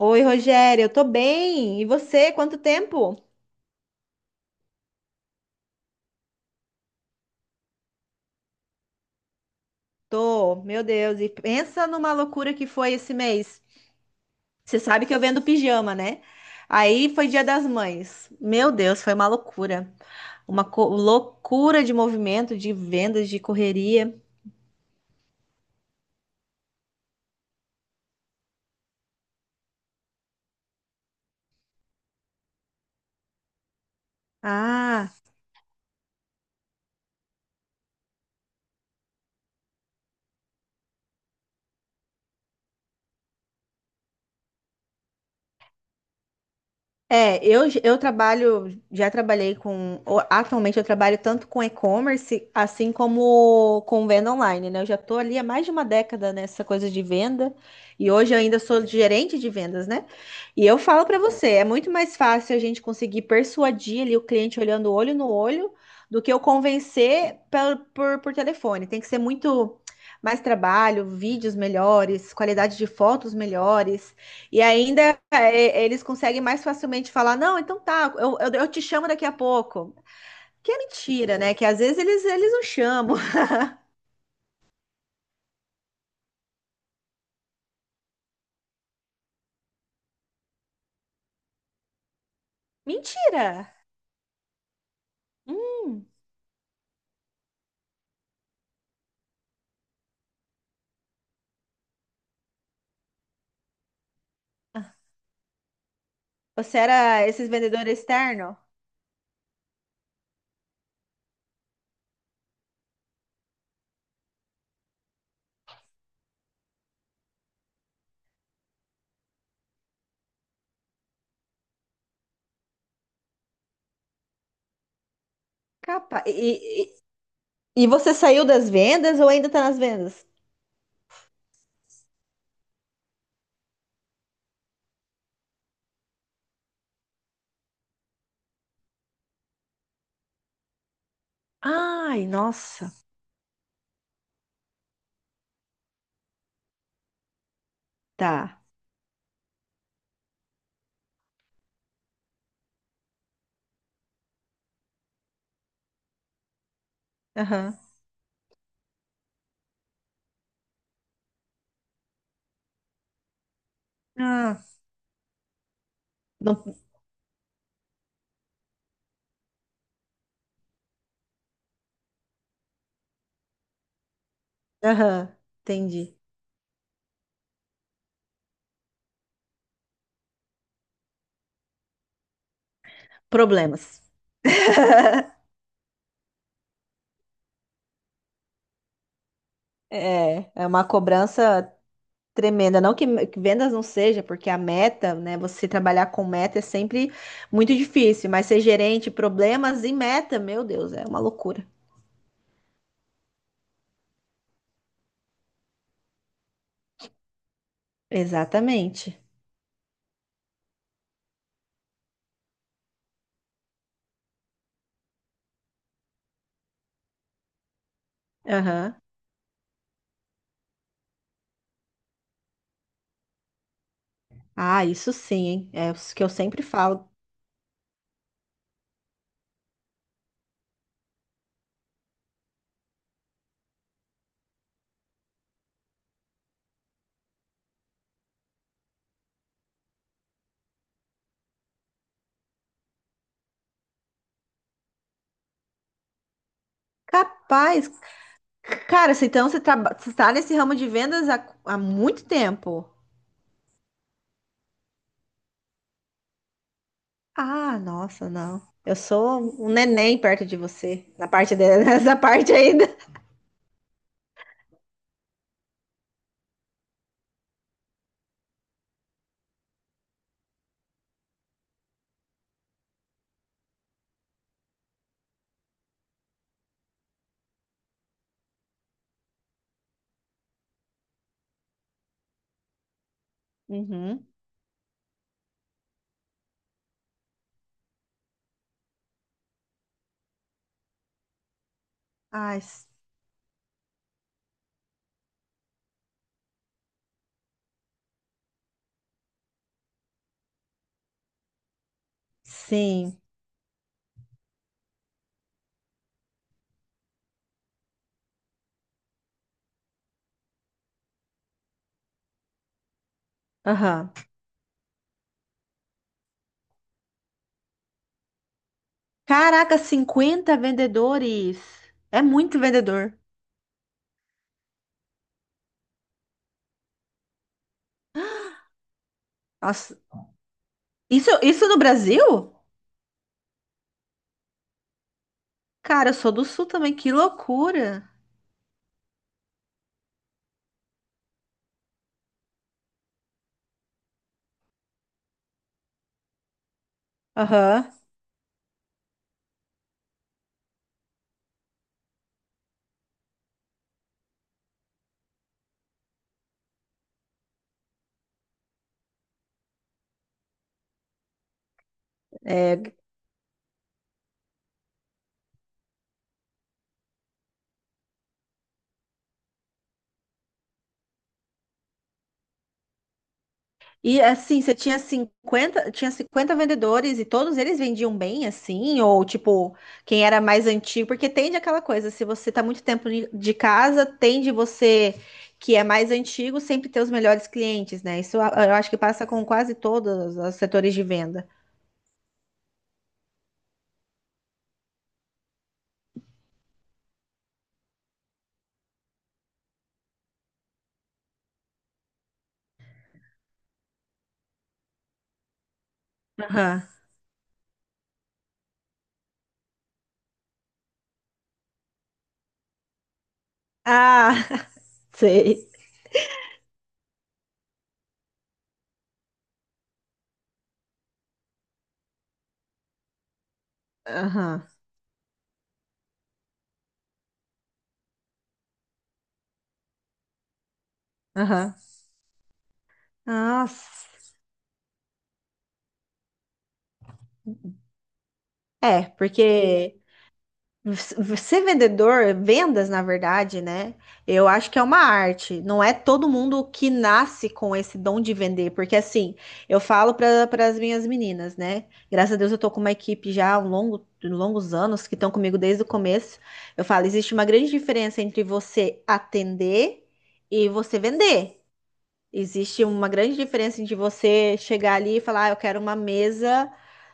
Oi, Rogério, eu tô bem. E você, quanto tempo? Tô, meu Deus, e pensa numa loucura que foi esse mês. Você sabe que eu vendo pijama, né? Aí foi Dia das Mães. Meu Deus, foi uma loucura. Uma loucura de movimento, de vendas, de correria. Ah, é, eu trabalho, já trabalhei com, atualmente eu trabalho tanto com e-commerce, assim como com venda online, né? Eu já tô ali há mais de uma década nessa coisa de venda e hoje eu ainda sou gerente de vendas, né? E eu falo pra você, é muito mais fácil a gente conseguir persuadir ali o cliente olhando olho no olho do que eu convencer por telefone. Tem que ser muito mais trabalho, vídeos melhores, qualidade de fotos melhores. E ainda é, eles conseguem mais facilmente falar: não, então tá, eu te chamo daqui a pouco. Que é mentira, né? Que às vezes eles não chamam. Mentira! Hum, você era esses vendedores externos? Capa. E você saiu das vendas ou ainda tá nas vendas? Ai, nossa. Tá. Aham. Ah, não. Aham, entendi. Problemas. É, é uma cobrança tremenda, não que que vendas não seja, porque a meta, né? Você trabalhar com meta é sempre muito difícil, mas ser gerente, problemas e meta, meu Deus, é uma loucura. Exatamente. Aham. Ah, isso sim, hein? É o que eu sempre falo. Capaz, cara, se então você você está nesse ramo de vendas há muito tempo. Ah, nossa, não. Eu sou um neném perto de você, na parte de- nessa parte ainda. Uhum. Ai, s- sim. Aham. Caraca, 50 vendedores. É muito vendedor. Nossa, isso no Brasil? Cara, eu sou do Sul também, que loucura. Aham. É, e assim, você tinha 50, tinha 50 vendedores e todos eles vendiam bem, assim, ou tipo, quem era mais antigo, porque tende aquela coisa, se você tá muito tempo de casa, tende você que é mais antigo sempre ter os melhores clientes, né? Eu acho que passa com quase todos os setores de venda. Aham. Ah, sei. Aham, aham. Nossa. É, porque ser vendedor, vendas, na verdade, né? Eu acho que é uma arte. Não é todo mundo que nasce com esse dom de vender, porque assim, eu falo para as minhas meninas, né? Graças a Deus eu tô com uma equipe já há um longo, longos anos que estão comigo desde o começo. Eu falo, existe uma grande diferença entre você atender e você vender. Existe uma grande diferença de você chegar ali e falar, ah, eu quero uma mesa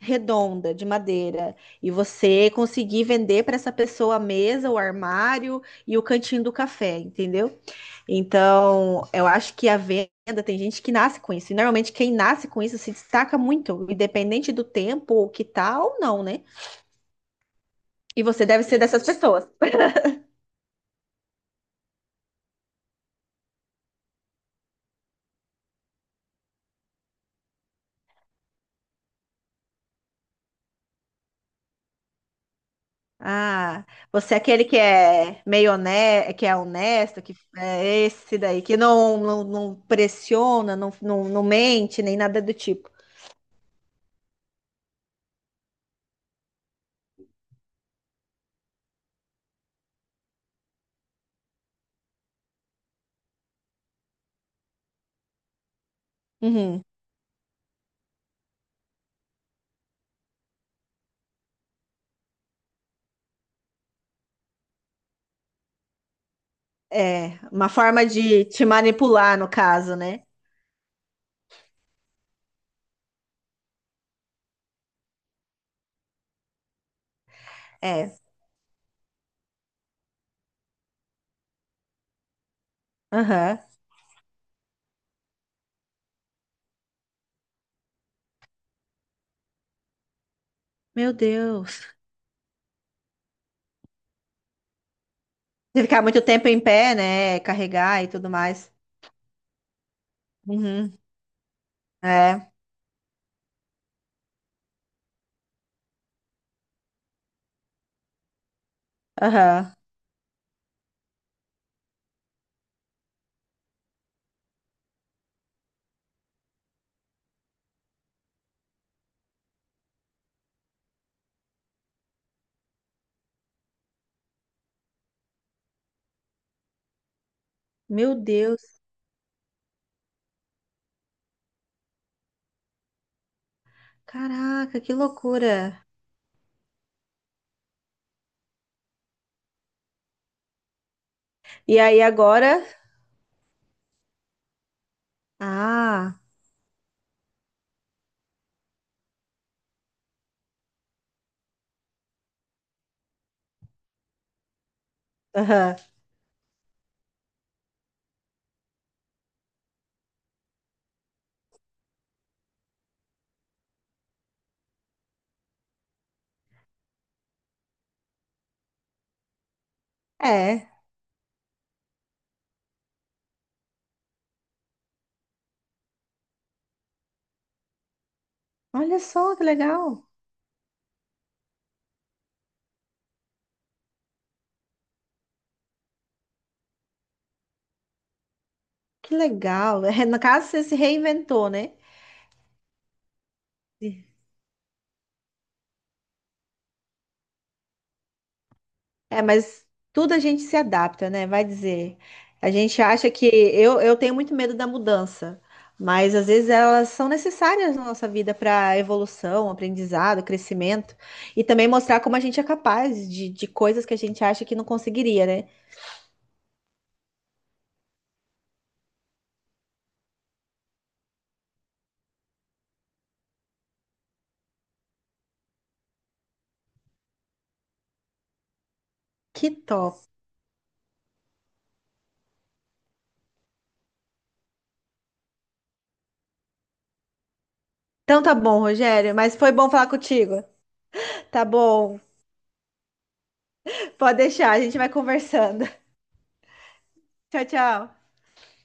redonda de madeira e você conseguir vender para essa pessoa a mesa, o armário e o cantinho do café, entendeu? Então, eu acho que a venda tem gente que nasce com isso. E normalmente quem nasce com isso se destaca muito, independente do tempo, o que tá ou não, né? E você deve ser dessas pessoas. Ah, você é aquele que é meio honesto, que é esse daí, que não pressiona, não mente, nem nada do tipo. Uhum. É, uma forma de te manipular, no caso, né? É. Aham. Meu Deus. Se ficar muito tempo em pé, né? Carregar e tudo mais. Uhum. É. Aham. Meu Deus. Caraca, que loucura. E aí agora? Ah. Aham. É. Olha só que legal. Que legal. É, no caso, você se reinventou, né? É, mas tudo a gente se adapta, né? Vai dizer. A gente acha que eu tenho muito medo da mudança, mas às vezes elas são necessárias na nossa vida para evolução, aprendizado, crescimento e também mostrar como a gente é capaz de coisas que a gente acha que não conseguiria, né? Que top. Então tá bom, Rogério, mas foi bom falar contigo. Tá bom. Pode deixar, a gente vai conversando. Tchau, tchau.